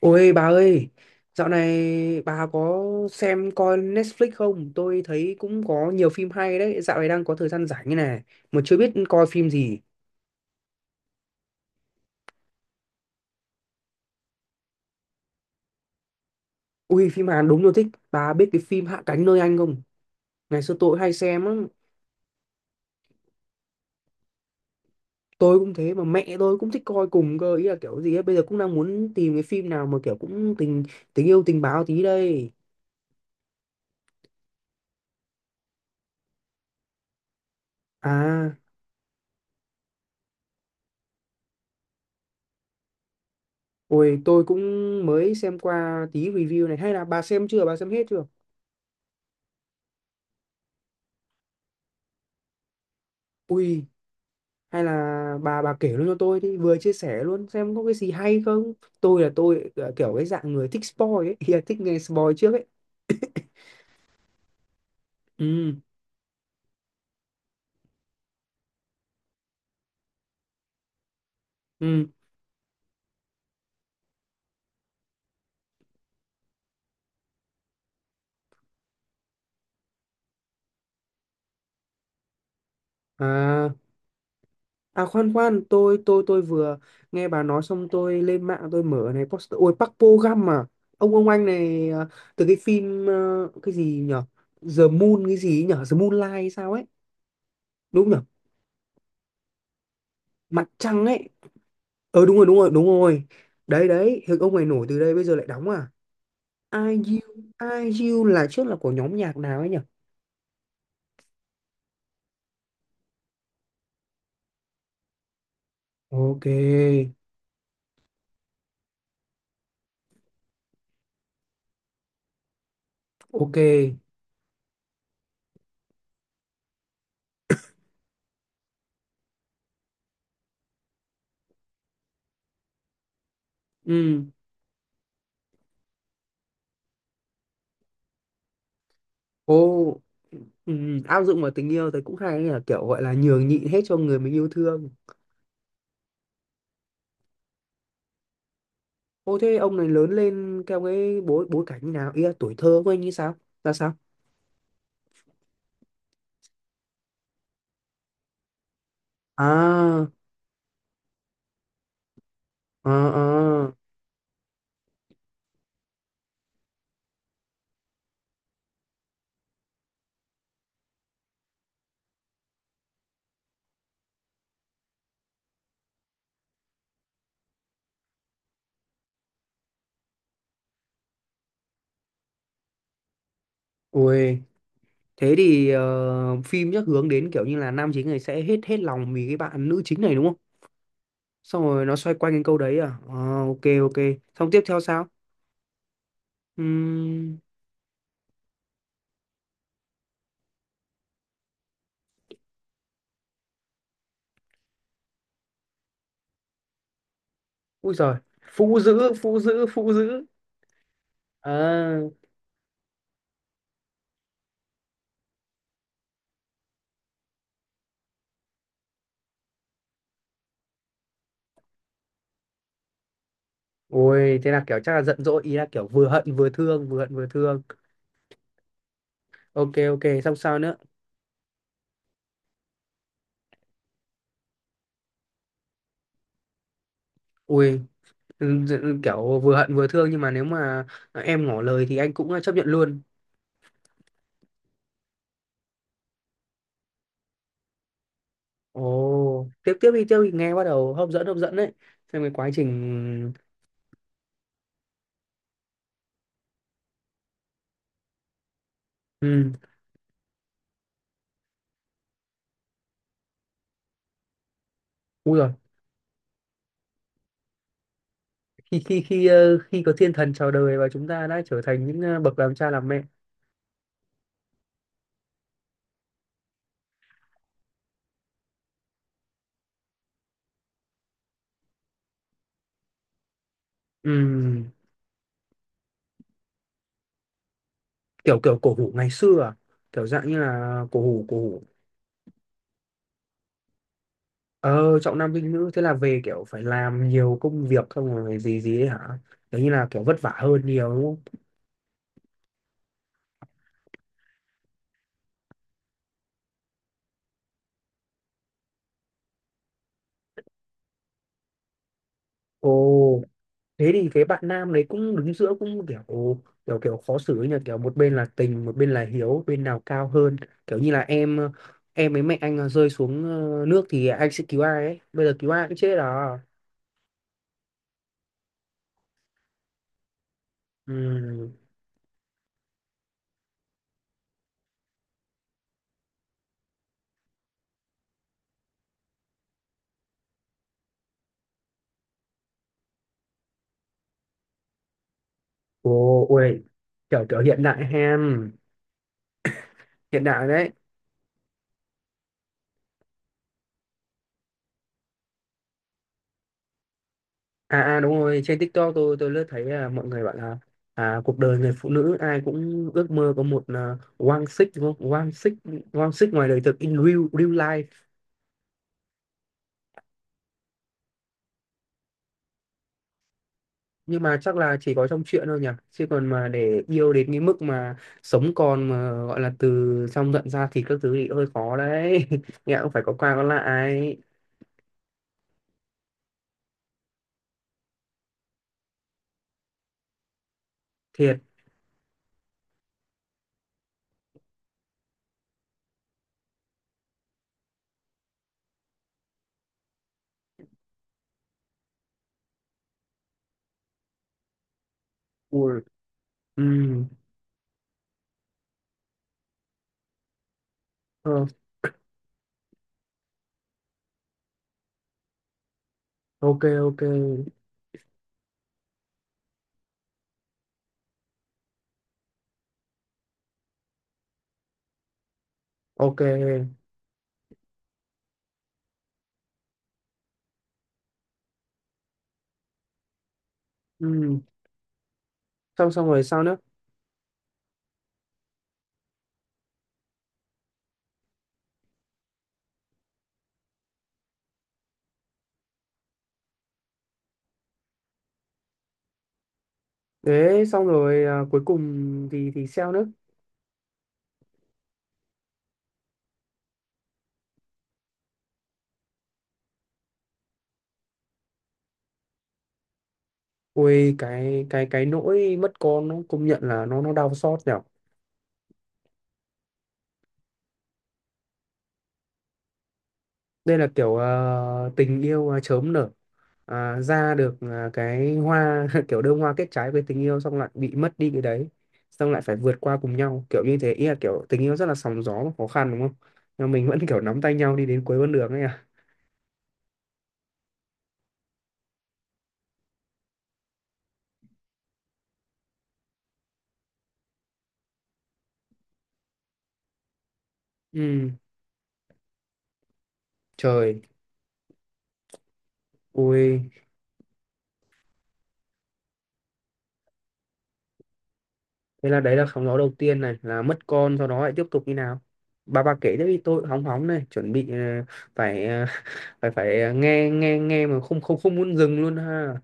Ôi bà ơi, dạo này bà có xem coi Netflix không? Tôi thấy cũng có nhiều phim hay đấy, dạo này đang có thời gian rảnh như này, mà chưa biết coi phim gì. Ui, phim Hàn đúng tôi thích, bà biết cái phim Hạ cánh nơi anh không? Ngày xưa tôi cũng hay xem lắm, tôi cũng thế mà mẹ tôi cũng thích coi cùng cơ, ý là kiểu gì ấy, bây giờ cũng đang muốn tìm cái phim nào mà kiểu cũng tình tình yêu tình báo tí đây. À, ôi tôi cũng mới xem qua tí review này, hay là bà xem chưa, bà xem hết chưa? Ui, hay là bà kể luôn cho tôi đi, vừa chia sẻ luôn xem có cái gì hay không. Tôi là kiểu cái dạng người thích spoil ấy yeah, thích nghe spoil trước ấy. Ừ, ừ. À, à, khoan khoan, tôi vừa nghe bà nói xong tôi lên mạng tôi mở này poster, ôi Park Bo Gum à, ông anh này à, từ cái phim cái gì nhở, The Moon cái gì ấy nhở, The Moonlight hay sao ấy, đúng nhở, mặt trăng ấy. Đúng rồi, đúng rồi, đúng rồi. Đấy đấy, thì ông này nổi từ đây, bây giờ lại đóng à, IU. IU là trước là của nhóm nhạc nào ấy nhỉ? Ok, ok. Ừ, ô, ừ. Áp dụng vào tình yêu thì cũng hay ấy nhỉ, kiểu gọi là nhường nhịn hết cho người mình yêu thương. Ô, thế ông này lớn lên theo cái bối bối cảnh như nào, ý là tuổi thơ của anh như sao, ra sao? À, à, à. Ui, thế thì phim chắc hướng đến kiểu như là nam chính này sẽ hết hết lòng vì cái bạn nữ chính này đúng không? Xong rồi nó xoay quanh cái câu đấy à? Ờ, ok, ok, xong tiếp theo sao? Ừm, Úi giời, phụ dữ, phụ dữ, phụ dữ. À, ôi, thế là kiểu chắc là giận dỗi, ý là kiểu vừa hận vừa thương, vừa hận vừa thương. Ok, ok, xong sao nữa? Ui, ừ, kiểu vừa hận vừa thương, nhưng mà nếu mà em ngỏ lời thì anh cũng chấp nhận luôn. Ồ, tiếp tiếp đi, nghe bắt đầu hấp dẫn đấy. Xem cái quá trình. Ừ, ui giời, khi có thiên thần chào đời và chúng ta đã trở thành những bậc làm cha làm mẹ. Ừ, kiểu kiểu cổ hủ ngày xưa à? Kiểu dạng như là cổ hủ, cổ hủ. Ờ, trọng nam khinh nữ, thế là về kiểu phải làm nhiều công việc không, rồi gì gì ấy hả? Kiểu như là kiểu vất vả hơn nhiều đúng không? Ồ, thế thì cái bạn nam đấy cũng đứng giữa, cũng kiểu kiểu kiểu khó xử ấy nhỉ, kiểu một bên là tình, một bên là hiếu, bên nào cao hơn, kiểu như là em với mẹ anh rơi xuống nước thì anh sẽ cứu ai ấy, bây giờ cứu ai cũng chết à. Ừ. Ồ, ôi, kiểu kiểu hiện đại hem, hiện đại đấy. À, à đúng rồi, trên TikTok tôi lướt thấy mọi người bảo là cuộc đời người phụ nữ ai cũng ước mơ có một quang xích đúng không? Quang xích ngoài đời thực, in real real life. Nhưng mà chắc là chỉ có trong chuyện thôi nhỉ. Chứ còn mà để yêu đến cái mức mà sống còn mà gọi là từ trong giận ra thì các thứ thì hơi khó đấy. Nghe cũng phải có qua có lại. Thiệt. Ui. Ừ. Ờ, ok, ok. Ok. Ừ. Xong xong rồi sao nữa? Đấy, xong rồi à, cuối cùng thì sao nữa? Ôi cái nỗi mất con nó công nhận là nó đau xót nhở. Đây là kiểu tình yêu chớm nở. À, ra được cái hoa kiểu đơm hoa kết trái với tình yêu xong lại bị mất đi cái đấy. Xong lại phải vượt qua cùng nhau, kiểu như thế. Ý là kiểu tình yêu rất là sóng gió và khó khăn đúng không? Nhưng mà mình vẫn kiểu nắm tay nhau đi đến cuối con đường ấy à. Ừ, trời. Ui, thế là đấy là sóng gió đầu tiên này là mất con, sau đó lại tiếp tục như nào, bà kể tiếp đi, tôi hóng hóng này, chuẩn bị phải phải phải nghe nghe nghe mà không không không muốn dừng luôn ha.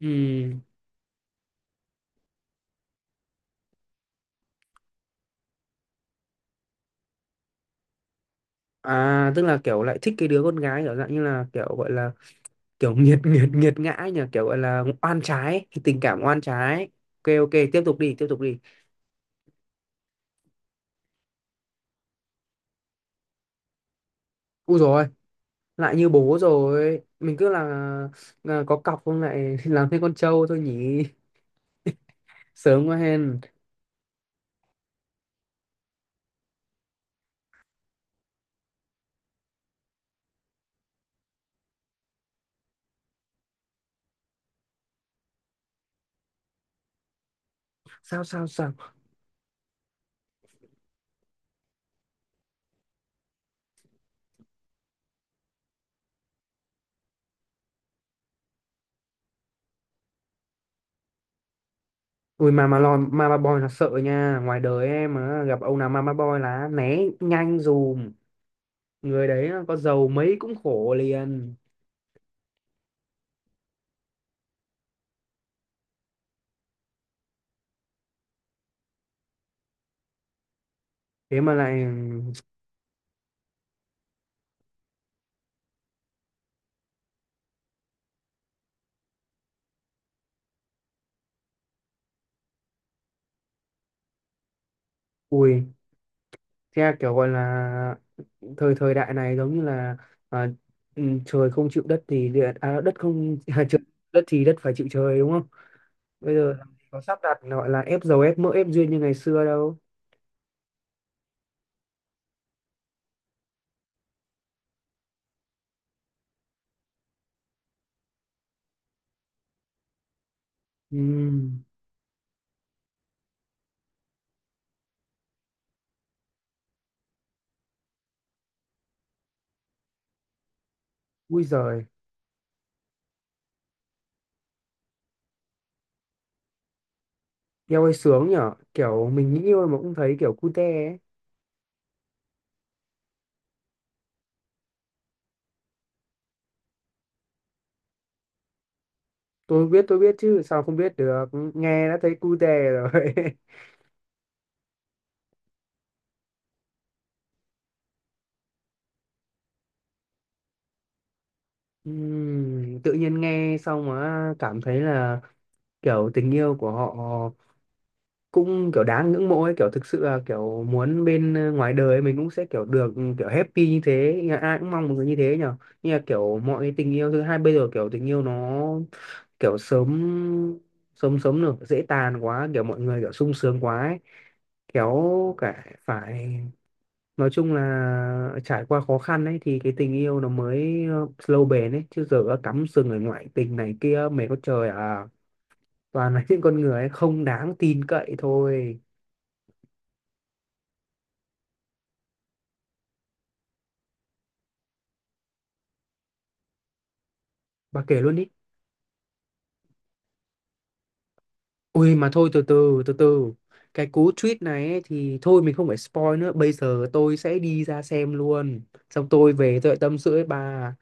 Ừ. À, tức là kiểu lại thích cái đứa con gái, kiểu dạng như là kiểu gọi là kiểu nghiệt nghiệt nghiệt ngã ấy nhỉ, kiểu gọi là oan trái, tình cảm oan trái. Ok, ok, tiếp tục đi, tiếp tục đi. Úi rồi, lại như bố rồi mình cứ là, có cọc không lại làm thêm con trâu thôi nhỉ. Sớm quá hen. Sao sao sao? Ui, Mama, Lon, Mama Boy là sợ nha. Ngoài đời em mà gặp ông nào Mama Boy là né nhanh dùm. Người đấy có giàu mấy cũng khổ liền. Thế mà lại. Ui. Thế kiểu gọi là, Thời thời đại này giống như là à, ừ, trời không chịu đất thì địa, à, đất không trời, đất thì đất phải chịu trời đúng không? Bây giờ làm gì có sắp đặt gọi là ép giàu ép mỡ ép duyên như ngày xưa đâu. Ừm. Ui giời. Eo ơi sướng nhở, kiểu mình nghĩ thôi mà cũng thấy kiểu cute ấy. Tôi biết chứ, sao không biết được, nghe đã thấy cu dè rồi. Tự nhiên nghe xong mà cảm thấy là kiểu tình yêu của họ cũng kiểu đáng ngưỡng mộ ấy, kiểu thực sự là kiểu muốn bên ngoài đời mình cũng sẽ kiểu được kiểu happy như thế, nhà ai cũng mong một người như thế nhở. Nhưng mà kiểu mọi cái tình yêu thứ hai bây giờ kiểu tình yêu nó kiểu sớm, sớm được dễ tàn quá, kiểu mọi người kiểu sung sướng quá ấy. Kéo cả phải nói chung là trải qua khó khăn ấy thì cái tình yêu nó mới lâu bền ấy, chứ giờ đã cắm sừng ở ngoại tình này kia mày có trời à, toàn là những con người ấy không đáng tin cậy thôi. Bà kể luôn đi. Ui mà thôi, từ từ, từ từ, cái cú tweet này ấy, thì thôi mình không phải spoil nữa, bây giờ tôi sẽ đi ra xem luôn, xong tôi về tôi lại tâm sự với bà.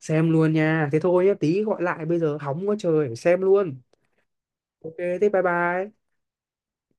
Xem luôn nha, thế thôi nhá, tí gọi lại, bây giờ hóng quá trời, xem luôn. Ok, thế bye bye.